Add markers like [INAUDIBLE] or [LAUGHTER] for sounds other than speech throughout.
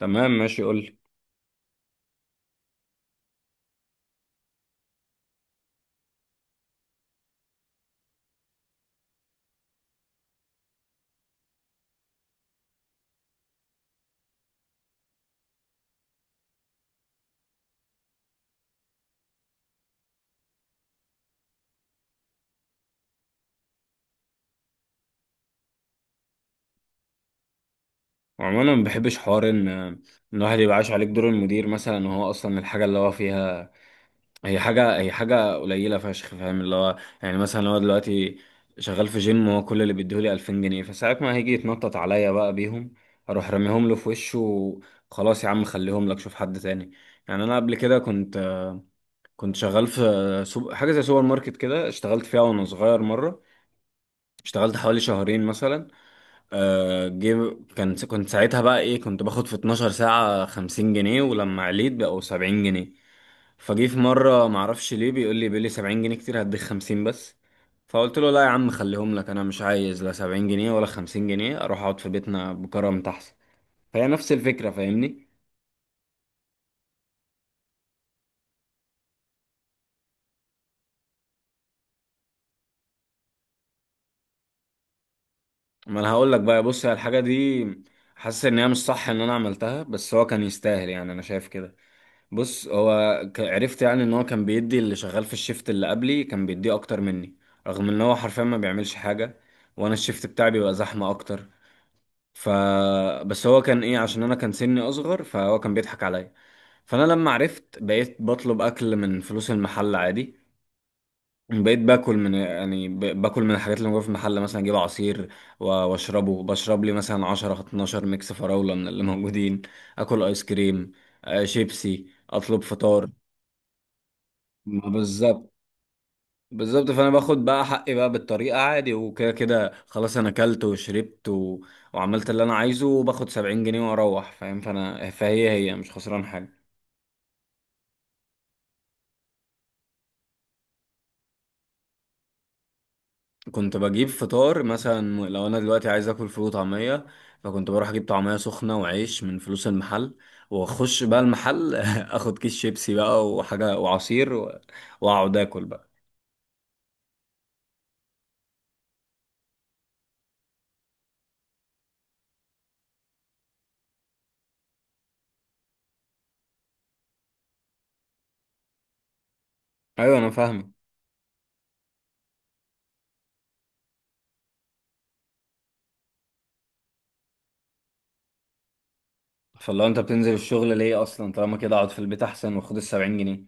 تمام، ماشي، قول لي. وعموما ما بحبش حوار إن الواحد يبقى عايش عليك دور المدير مثلا، وهو اصلا الحاجه اللي هو فيها هي حاجه قليله فشخ، فاهم؟ اللي هو يعني مثلا لو دلوقتي شغال في جيم، وهو كل اللي بيديهولي 2000 جنيه، فساعة ما هيجي يتنطط عليا بقى بيهم اروح راميهم له في وشه وخلاص، يا عم خليهم لك شوف حد تاني. يعني انا قبل كده كنت شغال في حاجه زي سوبر ماركت كده، اشتغلت فيها وانا صغير مره، اشتغلت حوالي شهرين مثلا. آه جيب كنت ساعتها بقى كنت باخد في 12 ساعة 50 جنيه، ولما عليت بقوا 70 جنيه. فجي في مرة معرفش ليه، بيقول لي 70 جنيه كتير، هديك 50 بس. فقلت له لا يا عم خليهم لك، انا مش عايز لا 70 جنيه ولا 50 جنيه، اروح اقعد في بيتنا بكرم احسن. فهي نفس الفكرة، فاهمني؟ ما انا هقول لك بقى، بص هي الحاجة دي حاسس ان هي مش صح ان انا عملتها، بس هو كان يستاهل يعني، انا شايف كده. بص هو عرفت يعني ان هو كان بيدي اللي شغال في الشيفت اللي قبلي كان بيديه اكتر مني، رغم ان هو حرفيا ما بيعملش حاجه، وانا الشيفت بتاعي بيبقى زحمه اكتر. ف بس هو كان عشان انا كان سني اصغر، فهو كان بيضحك عليا. فانا لما عرفت بقيت بطلب اكل من فلوس المحل عادي، بقيت باكل من يعني باكل من الحاجات اللي موجوده في المحل، مثلا اجيب عصير واشربه، بشرب لي مثلا 10 12 ميكس فراوله من اللي موجودين، اكل ايس كريم، شيبسي، اطلب فطار. ما بالظبط. بالظبط، فانا باخد بقى حقي بقى بالطريقه، عادي، وكده كده خلاص، انا اكلت وشربت وعملت اللي انا عايزه وباخد 70 جنيه واروح، فاهم؟ فانا فهي مش خسران حاجه. كنت بجيب فطار، مثلا لو انا دلوقتي عايز اكل فول وطعميه، فكنت بروح اجيب طعميه سخنه وعيش من فلوس المحل، واخش بقى المحل [LAUGHS] اخد كيس شيبسي بقى وحاجه وعصير واقعد اكل بقى. ايوه انا فاهمك، فلو انت بتنزل الشغل ليه اصلا؟ طالما كده اقعد في البيت احسن واخد ال 70 جنيه.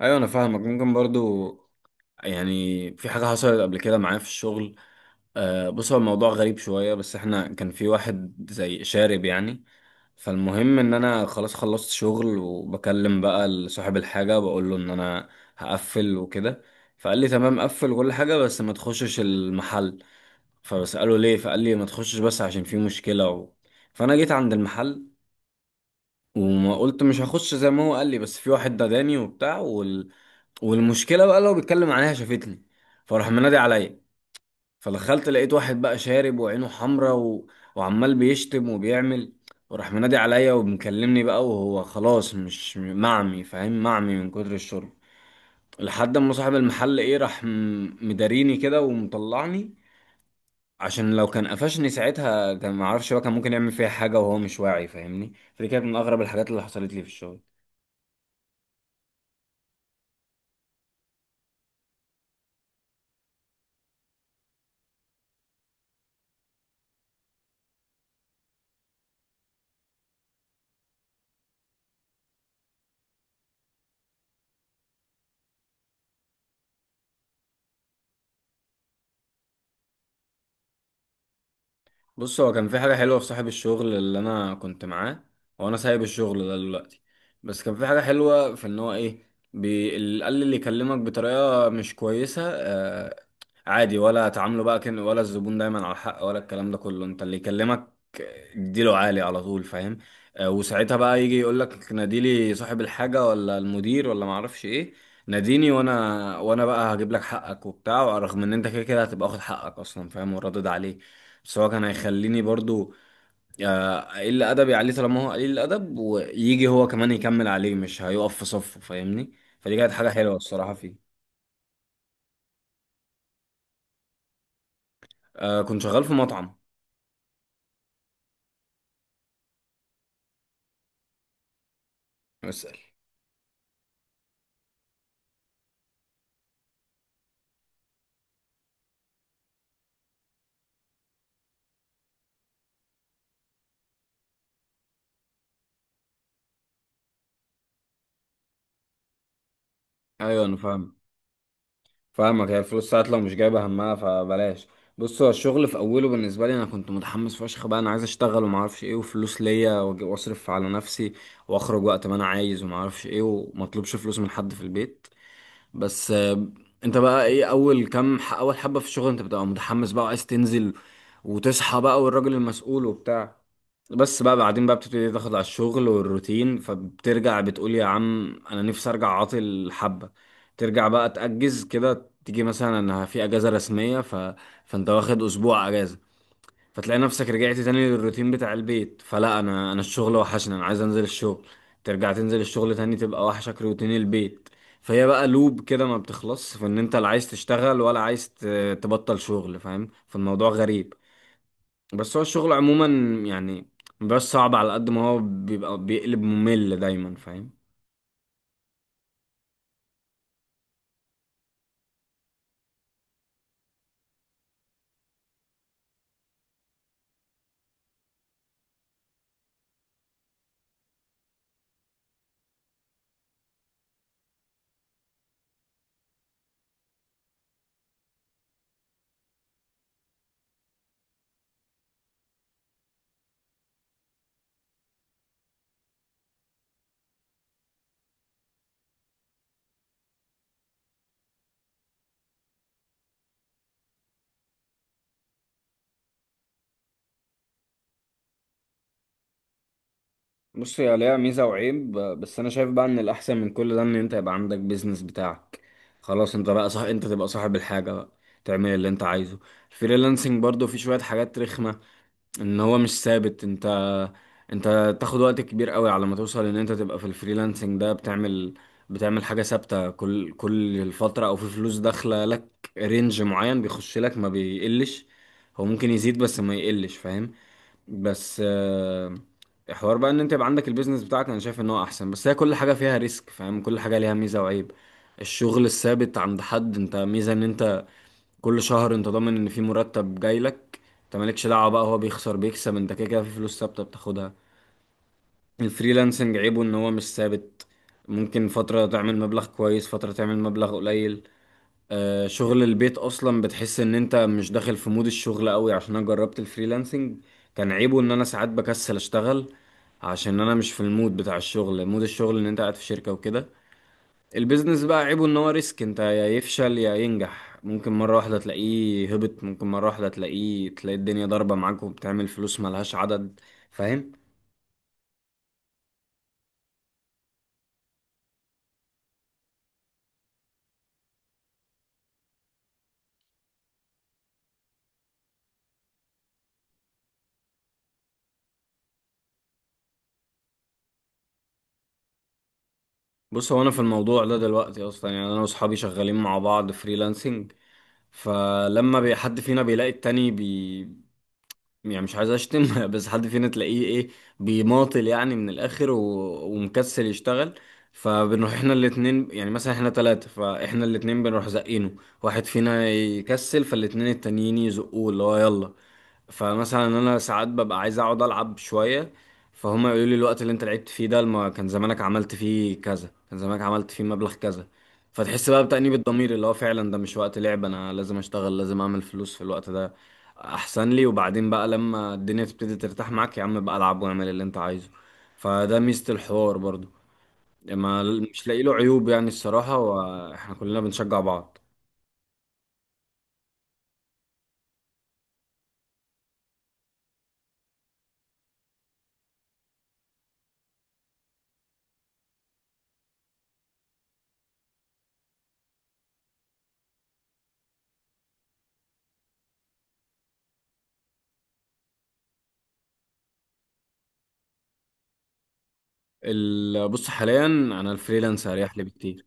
ايوه انا فاهمك. ممكن برضو يعني في حاجة حصلت قبل كده معايا في الشغل. آه بص، هو الموضوع غريب شوية، بس احنا كان في واحد زي شارب يعني. فالمهم ان انا خلاص خلصت شغل، وبكلم بقى صاحب الحاجة بقول له ان انا هقفل وكده. فقال لي تمام قفل كل حاجة بس ما تخشش المحل. فبسأله ليه، فقال لي ما تخشش بس عشان في مشكلة فانا جيت عند المحل، وما قلت مش هخش زي ما هو قال لي، بس في واحد داداني وبتاع والمشكله بقى لو بيتكلم عليها شافتني، فراح منادي عليا. فدخلت لقيت واحد بقى شارب وعينه حمرا وعمال بيشتم وبيعمل، وراح منادي عليا ومكلمني بقى، وهو خلاص مش معمي، فاهم؟ معمي من كتر الشرب، لحد ما صاحب المحل راح مداريني كده ومطلعني، عشان لو كان قفشني ساعتها كان معرفش بقى، كان ممكن يعمل فيها حاجة وهو مش واعي، فاهمني؟ فدي كانت من أغرب الحاجات اللي حصلت لي في الشغل. بص هو كان في حاجة حلوة في صاحب الشغل اللي أنا كنت معاه، وأنا سايب الشغل ده دلوقتي. بس كان في حاجة حلوة في إن هو اللي يكلمك بطريقة مش كويسة، عادي ولا تعامله بقى، كان ولا الزبون دايما على حق ولا الكلام ده كله، أنت اللي يكلمك اديله عالي على طول، فاهم؟ وساعتها بقى يجي يقولك ناديلي صاحب الحاجة ولا المدير ولا معرفش إيه، ناديني، وانا بقى هجيب لك حقك وبتاع، رغم ان انت كده كده هتبقى واخد حقك اصلا، فاهم؟ وردد عليك، بس هو كان هيخليني برضو قليل ادبي عليه طالما هو قليل الادب ويجي هو كمان يكمل عليه، مش هيقف في صفه، فاهمني؟ فدي كانت حاجه حلوه الصراحه فيه. كنت شغال في مطعم. اسال. ايوه انا فاهم. فاهمك، هي الفلوس ساعات لو مش جايبه همها فبلاش. بص هو الشغل في اوله بالنسبه لي انا كنت متحمس فشخ بقى، انا عايز اشتغل وما اعرفش ايه، وفلوس ليا واصرف على نفسي واخرج وقت ما انا عايز وما اعرفش ايه، وما اطلبش فلوس من حد في البيت. بس انت بقى اول حبة في الشغل انت بتبقى متحمس بقى، وعايز تنزل وتصحى بقى والراجل المسؤول وبتاع. بس بقى بعدين بقى بتبتدي تاخد على الشغل والروتين، فبترجع بتقول يا عم انا نفسي ارجع عاطل حبة، ترجع بقى تأجز كده، تيجي مثلا انا في اجازة رسمية فانت واخد اسبوع اجازة، فتلاقي نفسك رجعت تاني للروتين بتاع البيت، فلا، انا الشغل وحشني، انا عايز انزل الشغل. ترجع تنزل الشغل تاني تبقى وحشك روتين البيت. فهي بقى لوب كده ما بتخلص، فان انت لا عايز تشتغل ولا عايز تبطل شغل، فاهم؟ فالموضوع غريب. بس هو الشغل عموما يعني مبيبقاش صعب على قد ما هو بيبقى بيقلب ممل دايما، فاهم؟ بص هي ليها ميزة وعيب، بس أنا شايف بقى إن الأحسن من كل ده إن أنت يبقى عندك بيزنس بتاعك، خلاص أنت بقى صح، أنت تبقى صاحب الحاجة بقى، تعمل اللي أنت عايزه. الفريلانسنج برضو فيه شوية حاجات رخمة، إن هو مش ثابت، أنت تاخد وقت كبير قوي على ما توصل إن أنت تبقى في الفريلانسنج ده، بتعمل حاجة ثابتة كل الفترة، أو في فلوس داخلة لك رينج معين بيخش لك ما بيقلش، هو ممكن يزيد بس ما يقلش، فاهم؟ بس حوار بقى ان انت يبقى عندك البيزنس بتاعك، انا شايف ان هو احسن، بس هي كل حاجه فيها ريسك، فاهم؟ كل حاجه ليها ميزه وعيب. الشغل الثابت عند حد، انت ميزه ان انت كل شهر انت ضامن ان في مرتب جاي لك، انت مالكش دعوه بقى هو بيخسر بيكسب، انت كده كده في فلوس ثابته بتاخدها. الفريلانسنج عيبه ان هو مش ثابت، ممكن فتره تعمل مبلغ كويس، فتره تعمل مبلغ قليل. شغل البيت اصلا بتحس ان انت مش داخل في مود الشغل قوي، عشان انا جربت الفريلانسنج كان عيبه ان انا ساعات بكسل اشتغل، عشان انا مش في المود بتاع الشغل، مود الشغل ان انت قاعد في شركة وكده. البيزنس بقى عيبه ان هو ريسك، انت يا يفشل يا ينجح، ممكن مرة واحدة تلاقيه هبط، ممكن مرة واحدة تلاقيه تلاقي الدنيا ضاربة معاك وبتعمل فلوس ملهاش عدد، فاهم؟ بص هو انا في الموضوع ده دلوقتي اصلا يعني انا واصحابي شغالين مع بعض فريلانسنج، فلما حد فينا بيلاقي التاني يعني مش عايز اشتم [LAUGHS] بس حد فينا تلاقيه بيماطل يعني من الاخر ومكسل يشتغل، فبنروح احنا الاتنين، يعني مثلا احنا تلاتة، فاحنا الاتنين بنروح زقينه، واحد فينا يكسل فالاتنين التانيين يزقوه اللي هو يلا. فمثلا انا ساعات ببقى عايز اقعد العب شويه، فهما يقولوا لي الوقت اللي انت لعبت فيه ده ما كان زمانك عملت فيه كذا، كان زمانك عملت فيه مبلغ كذا. فتحس بقى بتأنيب الضمير اللي هو فعلا ده مش وقت لعب، انا لازم اشتغل، لازم اعمل فلوس في الوقت ده احسن لي، وبعدين بقى لما الدنيا تبتدي ترتاح معاك يا عم بقى العب واعمل اللي انت عايزه. فده ميزة الحوار برضو، ما مش لاقي له عيوب يعني الصراحة، واحنا كلنا بنشجع بعض. بص حاليا انا الفريلانس اريح لي بكتير.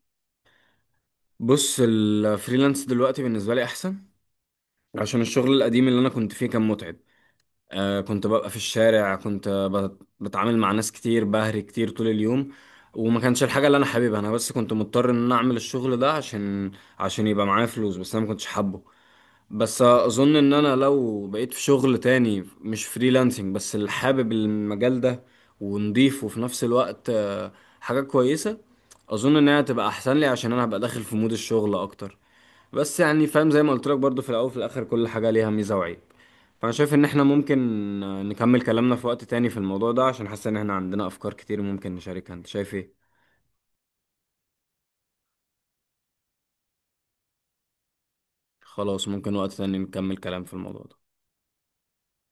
بص الفريلانس دلوقتي بالنسبة لي أحسن، عشان الشغل القديم اللي أنا كنت فيه كان متعب. كنت ببقى في الشارع، كنت بتعامل مع ناس كتير، بهري كتير طول اليوم، وما كانش الحاجة اللي أنا حاببها أنا، بس كنت مضطر إن أنا أعمل الشغل ده عشان يبقى معايا فلوس، بس أنا ما كنتش حابه. بس أظن إن أنا لو بقيت في شغل تاني مش فريلانسنج، بس اللي حابب المجال ده ونضيف وفي نفس الوقت حاجة كويسة، أظن إنها تبقى أحسن لي، عشان أنا هبقى داخل في مود الشغل أكتر. بس يعني فاهم زي ما قلت لك برضو، في الاول وفي الاخر كل حاجه ليها ميزه وعيب. فانا شايف ان احنا ممكن نكمل كلامنا في وقت تاني في الموضوع ده، عشان حاسس ان احنا عندنا افكار كتير ممكن نشاركها، انت شايف ايه؟ خلاص، ممكن وقت تاني نكمل كلام في الموضوع ده.